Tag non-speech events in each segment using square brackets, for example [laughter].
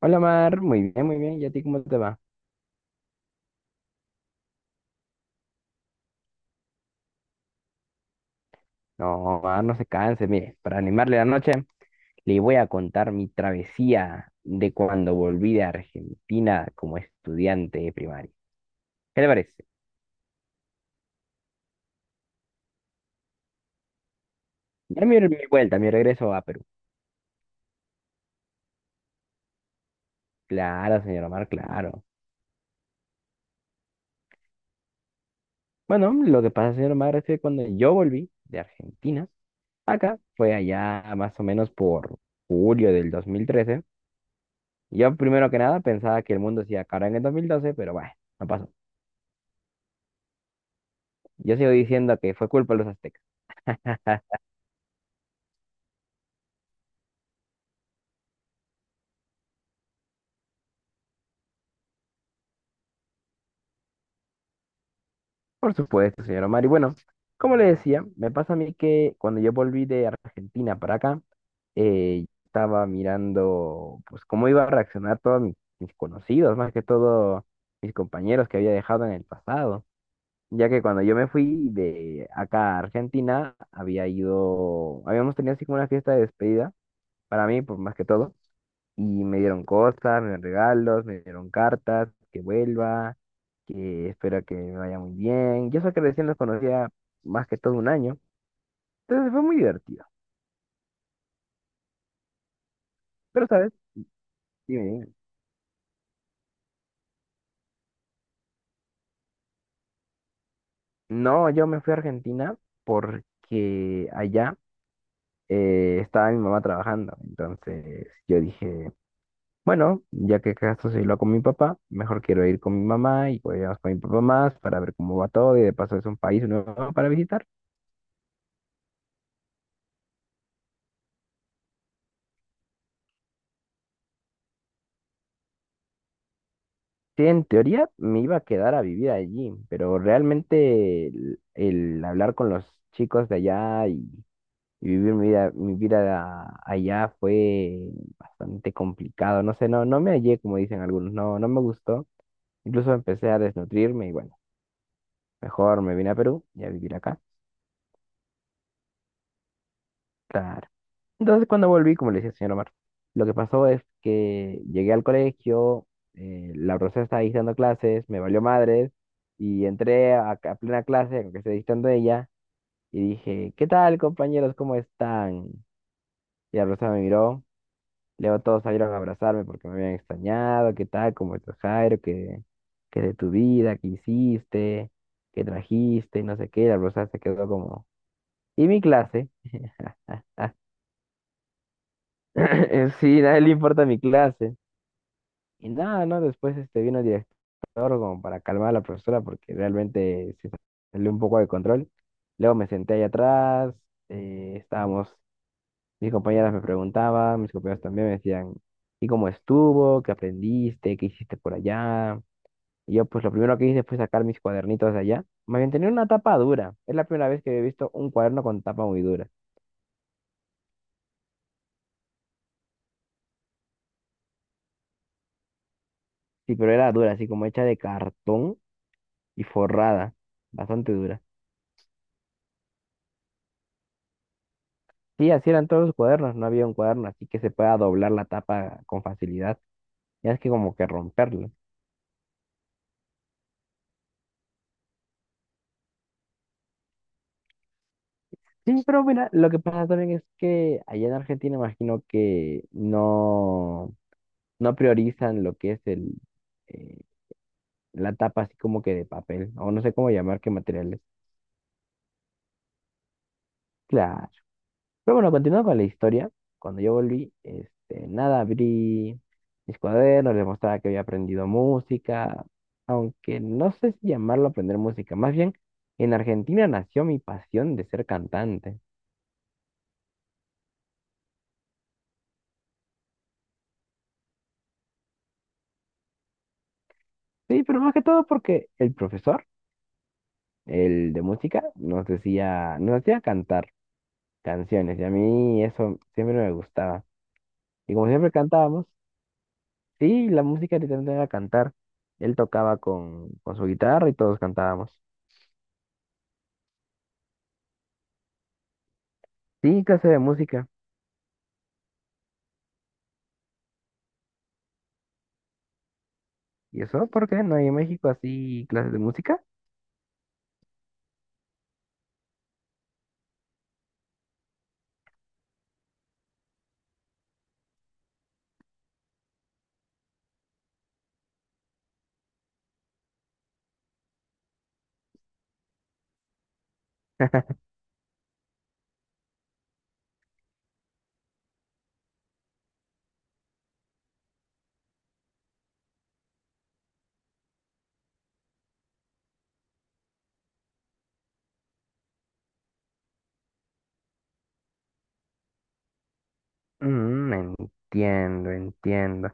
Hola Mar, muy bien, muy bien. ¿Y a ti cómo te va? No, Mar, no se canse. Mire, para animarle la noche, le voy a contar mi travesía de cuando volví de Argentina como estudiante de primaria. ¿Qué le parece? Ya mi vuelta, mi regreso a Perú. Claro, señor Mar, claro. Bueno, lo que pasa, señor Mar, es que cuando yo volví de Argentina, acá fue allá más o menos por julio del 2013. Yo primero que nada pensaba que el mundo se iba a acabar en el 2012, pero bueno, no pasó. Yo sigo diciendo que fue culpa de los aztecas. [laughs] Por supuesto, señor Omar. Y bueno, como le decía, me pasa a mí que cuando yo volví de Argentina para acá, estaba mirando pues cómo iba a reaccionar todos mis conocidos, más que todo mis compañeros que había dejado en el pasado, ya que cuando yo me fui de acá a Argentina, habíamos tenido así como una fiesta de despedida para mí, por más que todo. Y me dieron cosas, me dieron regalos, me dieron cartas, que vuelva, que espero que me vaya muy bien. Yo sé que recién los conocía más que todo un año, entonces fue muy divertido. Pero, ¿sabes? Dime, dime. No, yo me fui a Argentina porque allá estaba mi mamá trabajando. Entonces yo dije, bueno, ya que acaso se lo con mi papá, mejor quiero ir con mi mamá y pues vamos con mi papá más para ver cómo va todo y de paso es un país nuevo para visitar. Sí, en teoría me iba a quedar a vivir allí, pero realmente el hablar con los chicos de allá y vivir mi vida allá fue bastante complicado. No sé, no, no me hallé, como dicen algunos, no, no me gustó. Incluso empecé a desnutrirme y bueno, mejor me vine a Perú y a vivir acá. Claro. Entonces, cuando volví, como le decía el señor Omar, lo que pasó es que llegué al colegio, la profesora estaba ahí dando clases, me valió madres, y entré a plena clase, aunque esté dictando ella, y dije, ¿qué tal, compañeros? ¿Cómo están? Y la profesora me miró, luego todos salieron a abrazarme porque me habían extrañado, ¿qué tal? ¿Cómo estás, Jairo? ¿Qué de tu vida? ¿Qué hiciste? ¿Qué trajiste? Y no sé qué, la profesora se quedó como... ¿Y mi clase? [laughs] [laughs] Sí, nadie le importa mi clase. Y nada, ¿no? Después este, vino el director como para calmar a la profesora porque realmente se salió un poco de control. Luego me senté ahí atrás, eh, estábamos, mis compañeras me preguntaban, mis compañeros también me decían, ¿y cómo estuvo? ¿Qué aprendiste? ¿Qué hiciste por allá? Y yo pues lo primero que hice fue sacar mis cuadernitos de allá. Más bien tenía una tapa dura. Es la primera vez que había visto un cuaderno con tapa muy dura. Sí, pero era dura, así como hecha de cartón y forrada, bastante dura. Sí, así eran todos los cuadernos, no había un cuaderno así que se pueda doblar la tapa con facilidad, ya es que como que romperlo. Sí, pero mira, lo que pasa también es que allá en Argentina imagino que no, no priorizan lo que es eh, la tapa así como que de papel, o no sé cómo llamar qué materiales. Claro. Pero bueno, continuando con la historia, cuando yo volví, este, nada, abrí mis cuadernos, les mostraba que había aprendido música, aunque no sé si llamarlo aprender música, más bien en Argentina nació mi pasión de ser cantante. Sí, pero más que todo porque el profesor, el de música, nos hacía cantar canciones y a mí eso siempre me gustaba. Y como siempre cantábamos, sí, la música literalmente era cantar. Él tocaba con su guitarra y todos cantábamos. Sí, clase de música. ¿Y eso por qué no hay en México así clases de música? Mm, entiendo, entiendo.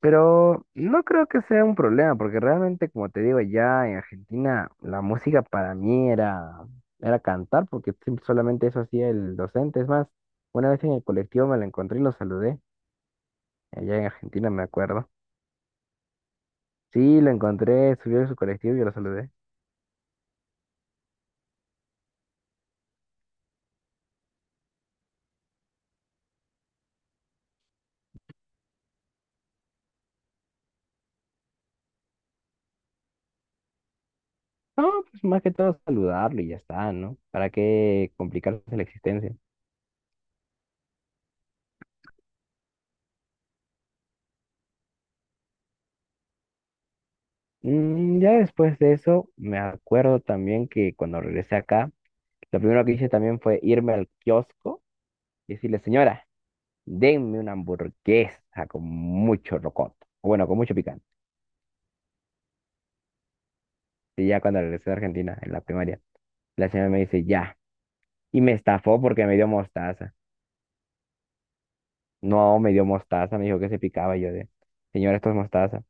Pero no creo que sea un problema, porque realmente, como te digo, ya en Argentina la música para mí era cantar, porque solamente eso hacía el docente. Es más, una vez en el colectivo me lo encontré y lo saludé. Allá en Argentina me acuerdo. Sí, lo encontré, subió de su colectivo y yo lo saludé. No, pues más que todo saludarlo y ya está, ¿no? ¿Para qué complicarse la existencia? Ya después de eso, me acuerdo también que cuando regresé acá, lo primero que hice también fue irme al kiosco y decirle, señora, denme una hamburguesa con mucho rocoto, o bueno, con mucho picante. Y ya cuando regresé a Argentina, en la primaria, la señora me dice, ya, y me estafó porque me dio mostaza. No, me dio mostaza, me dijo que se picaba y yo de, señora, esto es mostaza.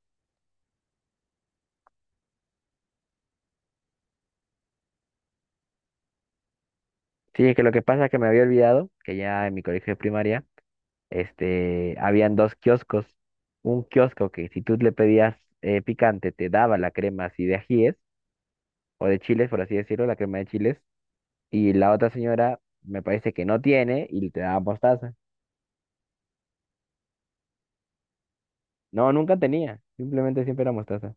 Sí, es que lo que pasa es que me había olvidado que ya en mi colegio de primaria este, habían dos kioscos. Un kiosco que si tú le pedías picante, te daba la crema así de ajíes, o de chiles, por así decirlo, la crema de chiles. Y la otra señora me parece que no tiene y te daba mostaza. No, nunca tenía. Simplemente siempre era mostaza.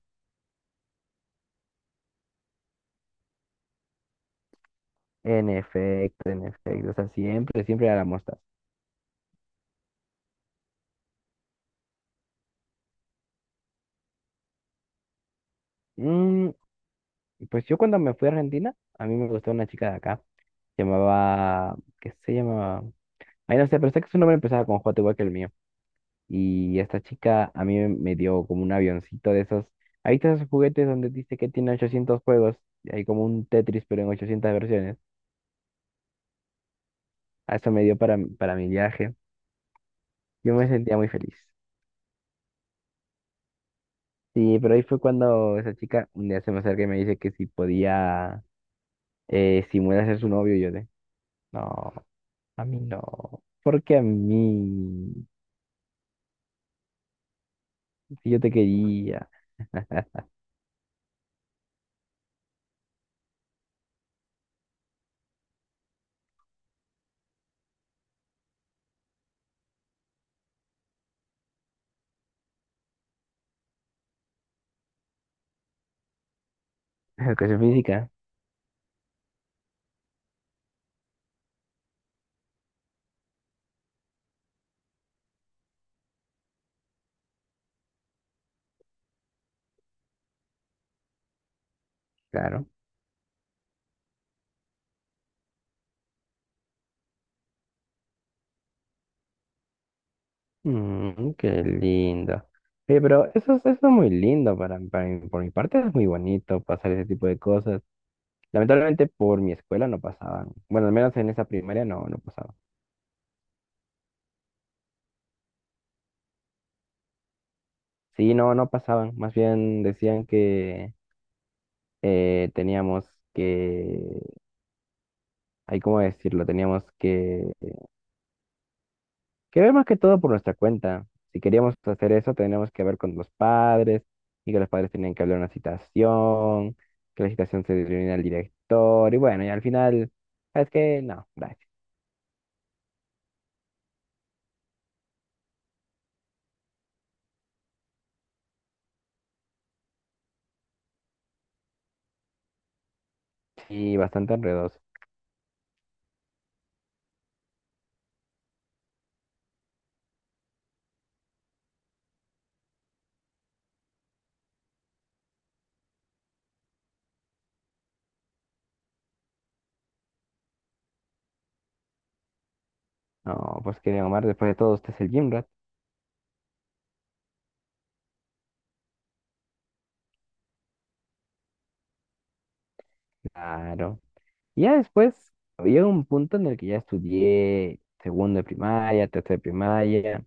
En efecto, en efecto. O sea, siempre, siempre era la mostaza. Mm, pues yo cuando me fui a Argentina, a mí me gustó una chica de acá. Se llamaba, ¿qué se llamaba? Ay, no sé, pero sé que su nombre empezaba con J igual que el mío. Y esta chica a mí me dio como un avioncito de esos. Ahí están esos juguetes donde dice que tiene 800 juegos. Y hay como un Tetris, pero en 800 versiones. A eso me dio para mi viaje. Yo me sentía muy feliz. Sí, pero ahí fue cuando esa chica un día se me acerca y me dice que si podía simular ser su novio. Y yo de, no, a mí no. ¿Por qué a mí? Si yo te quería. [laughs] Educación física, claro. Qué lindo. Oye, pero eso, eso es muy lindo para, por mi parte, es muy bonito pasar ese tipo de cosas. Lamentablemente por mi escuela no pasaban. Bueno, al menos en esa primaria no, no pasaban. Sí, no, no pasaban. Más bien decían que teníamos que, ay, ¿cómo decirlo? Teníamos que quería más que todo por nuestra cuenta. Si queríamos hacer eso, teníamos que ver con los padres y que los padres tenían que hablar una citación, que la citación se reunía al director y bueno, y al final, ¿sabes que no, gracias. Y bastante enredoso. No, pues quería Omar, después de todo, usted es el gym rat. Claro. Y ya después, había un punto en el que ya estudié segundo de primaria, tercero de primaria.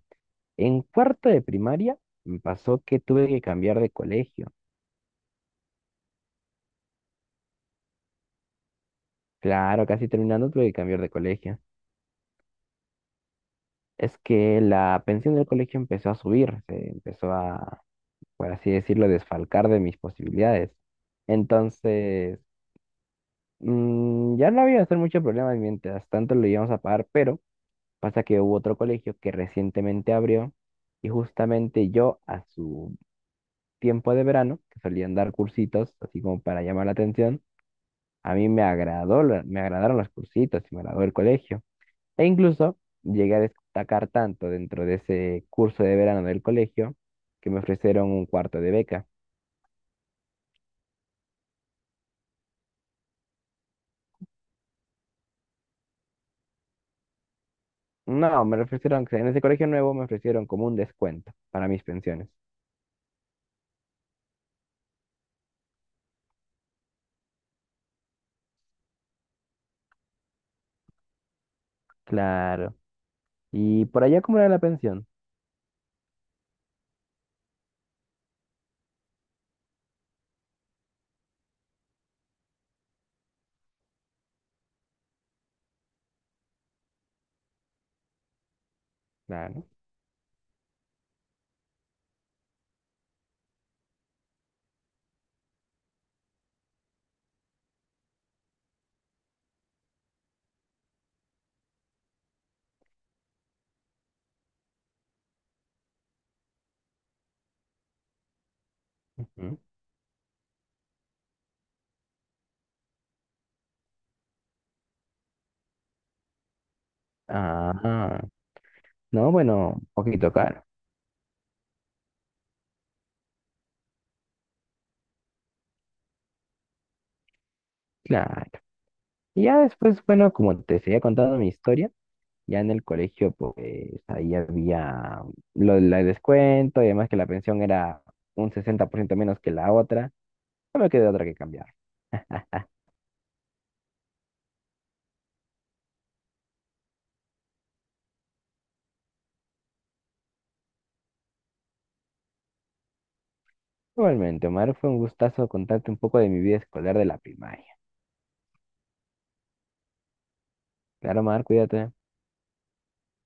En cuarto de primaria, me pasó que tuve que cambiar de colegio. Claro, casi terminando tuve que cambiar de colegio. Es que la pensión del colegio empezó a subir, se empezó a, por así decirlo, desfalcar de mis posibilidades. Entonces, ya no había hacer mucho problema mientras tanto lo íbamos a pagar, pero pasa que hubo otro colegio que recientemente abrió y justamente yo a su tiempo de verano, que solían dar cursitos, así como para llamar la atención, a mí me agradó, me agradaron los cursitos y me agradó el colegio. E incluso llegué a destacar tanto dentro de ese curso de verano del colegio que me ofrecieron un cuarto de beca. No, en ese colegio nuevo me ofrecieron como un descuento para mis pensiones. Claro. ¿Y por allá cómo era la pensión? Claro. Ujú. Ah, no, bueno, un poquito caro. Claro. Y ya después, bueno, como te seguía contando mi historia, ya en el colegio, pues ahí había lo del descuento y además que la pensión era un 60% menos que la otra. No me queda otra que cambiar. Igualmente, Omar, fue un gustazo contarte un poco de mi vida escolar de la primaria. Claro, Omar, cuídate.